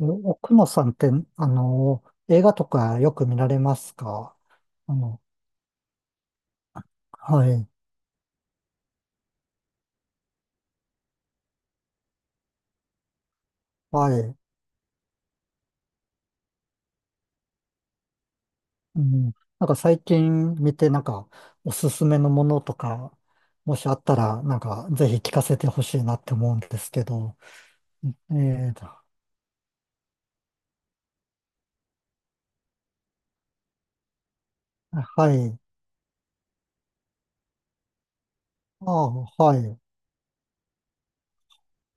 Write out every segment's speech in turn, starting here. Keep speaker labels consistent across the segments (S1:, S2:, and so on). S1: え奥野さんって、あの、映画とかよく見られますか？あの、はい、はい。うん、なんか最近見て、なんか、おすすめのものとか、もしあったら、なんか、ぜひ聞かせてほしいなって思うんですけど。えーと、はい。ああ、はい。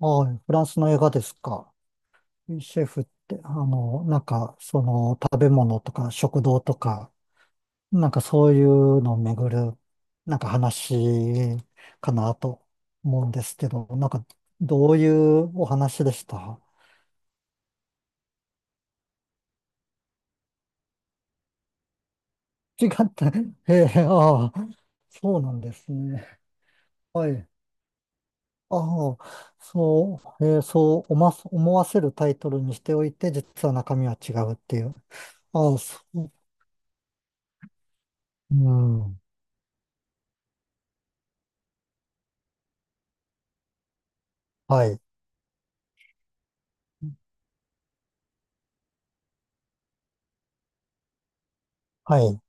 S1: あ、フランスの映画ですか。シェフって、なんか、食べ物とか、食堂とか、なんかそういうのをめぐる、なんか話かなと思うんですけど、なんかどういうお話でした？違った。ええ、ああ、そうなんですね。はい。ああ、そう、ええ、そう思わせるタイトルにしておいて、実は中身は違うっていう。ああ、そう。うん。はい。はい。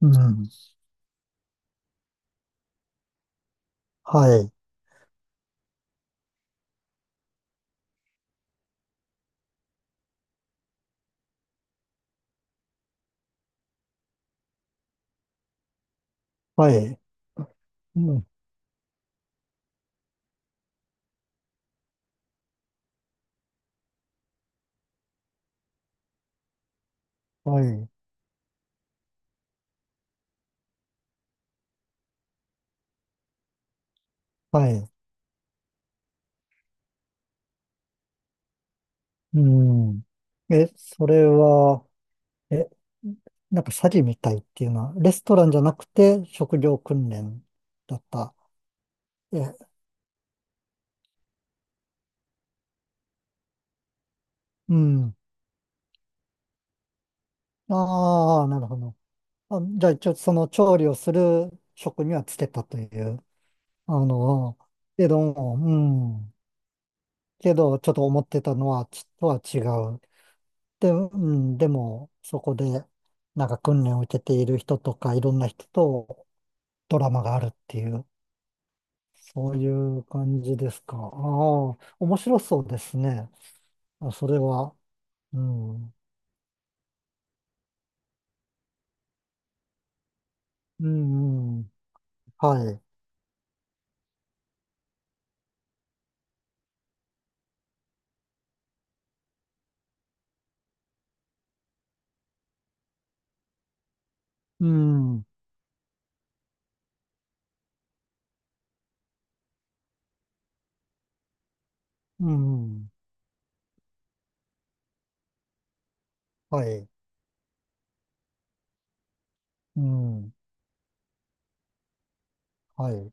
S1: うん。はい。はい。うん。はい。はい。うん。え、それは、え、なんか詐欺みたいっていうのは、レストランじゃなくて職業訓練だった？え、うん。ああ、なるほど。あ、じゃあ一応その調理をする職にはつけたという。あの、けど、うん。けど、ちょっと思ってたのは、ちょっとは違う。で、うん、でも、そこで、なんか訓練を受けている人とか、いろんな人とドラマがあるっていう、そういう感じですか。ああ、面白そうですね。あ、それは、うん、うん、うん、はい、うん、うん、はい、うん、はい、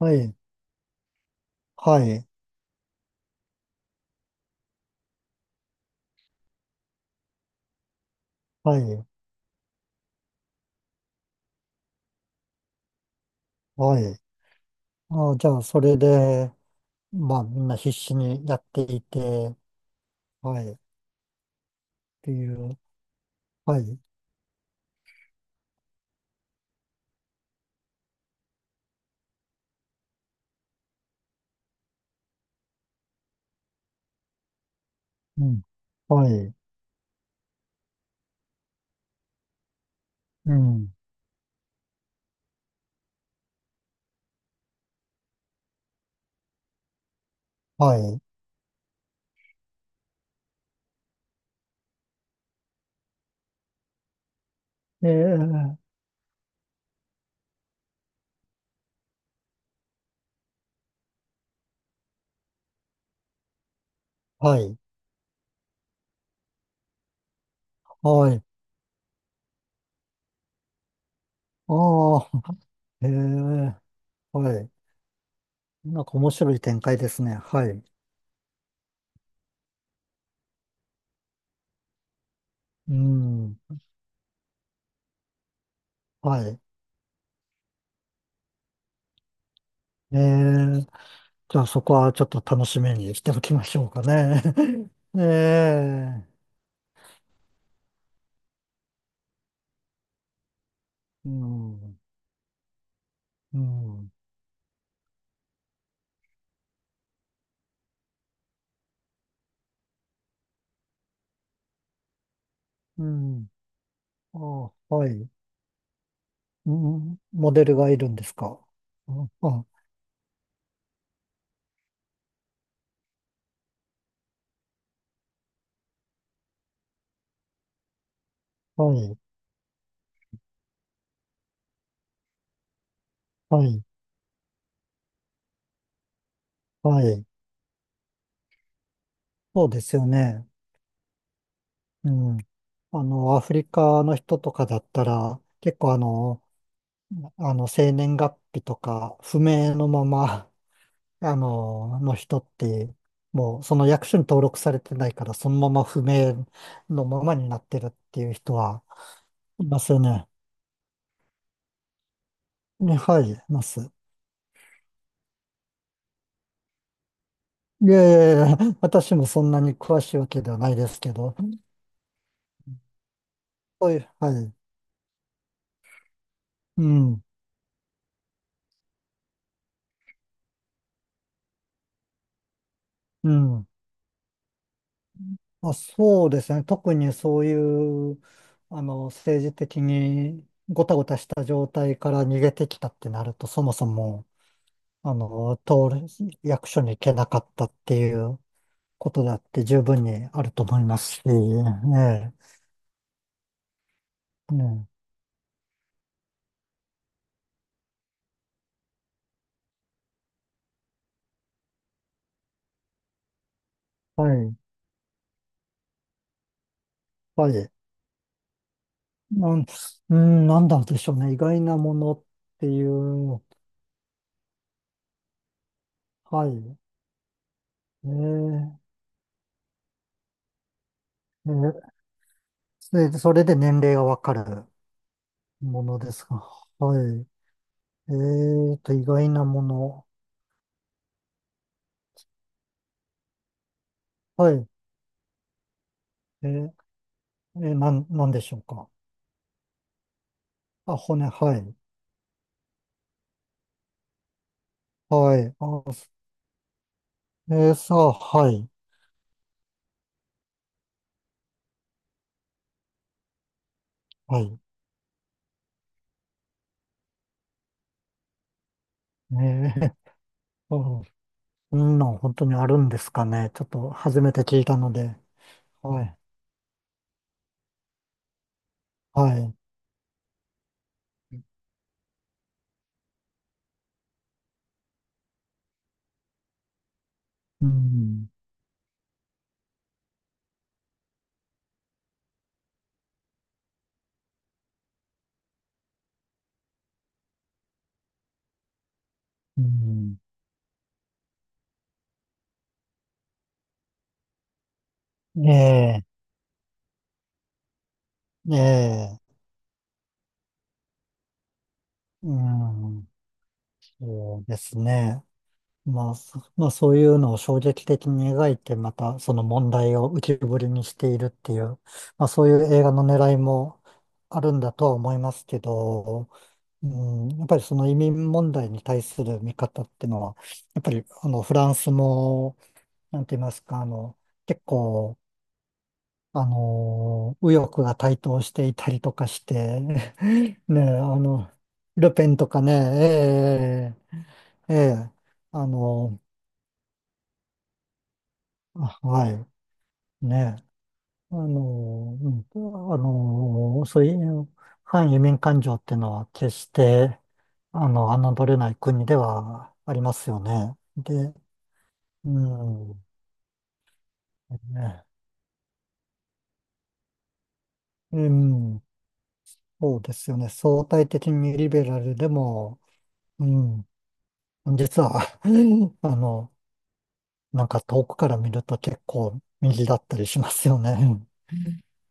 S1: はい、はい、はい、はい。あ、じゃあ、それで、まあ、みんな必死にやっていて、はい、っていう、はい、うん、はい、うん、はい、えー、はい、はい、ああ、えー、はい。なんか面白い展開ですね。はい、うん、はい、えー、じゃあそこはちょっと楽しみにしておきましょうかね。ええ、うん、うん、うん。あ、はい。うん、モデルがいるんですか？あ、あはい、はい、はい。そうですよね。うん。あの、アフリカの人とかだったら、結構、生年月日とか、不明のままの人って、もうその役所に登録されてないから、そのまま不明のままになってるっていう人はいますよね。ねはい、います。いやいいや、私もそんなに詳しいわけではないですけど、はいう、はい、うん、うん。あ、そうですね。特にそういう、政治的にごたごたした状態から逃げてきたってなると、そもそも、通る役所に行けなかったっていう、ことだって十分にあると思いますし、ええ、えはい、はい。なん、うん、なんだでしょうね。意外なものっていう、はい。ええ、ええ、それでそれで年齢がわかるものですが、はい。ええと、意外なもの。はい。ええ、なんでしょうか。あ、骨、はい。はい。あ、ええ、さあ、はい。はい。ええ、うん、そんなん本当にあるんですかね。ちょっと初めて聞いたので。はい。はい。うん。うん。ええ、ええ、うん。そうですね。まあ、そういうのを衝撃的に描いて、またその問題を浮き彫りにしているっていう、まあ、そういう映画の狙いもあるんだとは思いますけど、うん、やっぱりその移民問題に対する見方っていうのは、やっぱりあのフランスもなんて言いますか、結構、右翼が台頭していたりとかして、ね、ルペンとかね、ええええあの、あはい、ね、うん、あそういう反移民感情っていうのは決して、侮れない国ではありますよね。で、うん、ね、うん。そうですよね。相対的にリベラルでも、うん、実は あの、なんか遠くから見ると結構右だったりしますよね。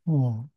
S1: うん。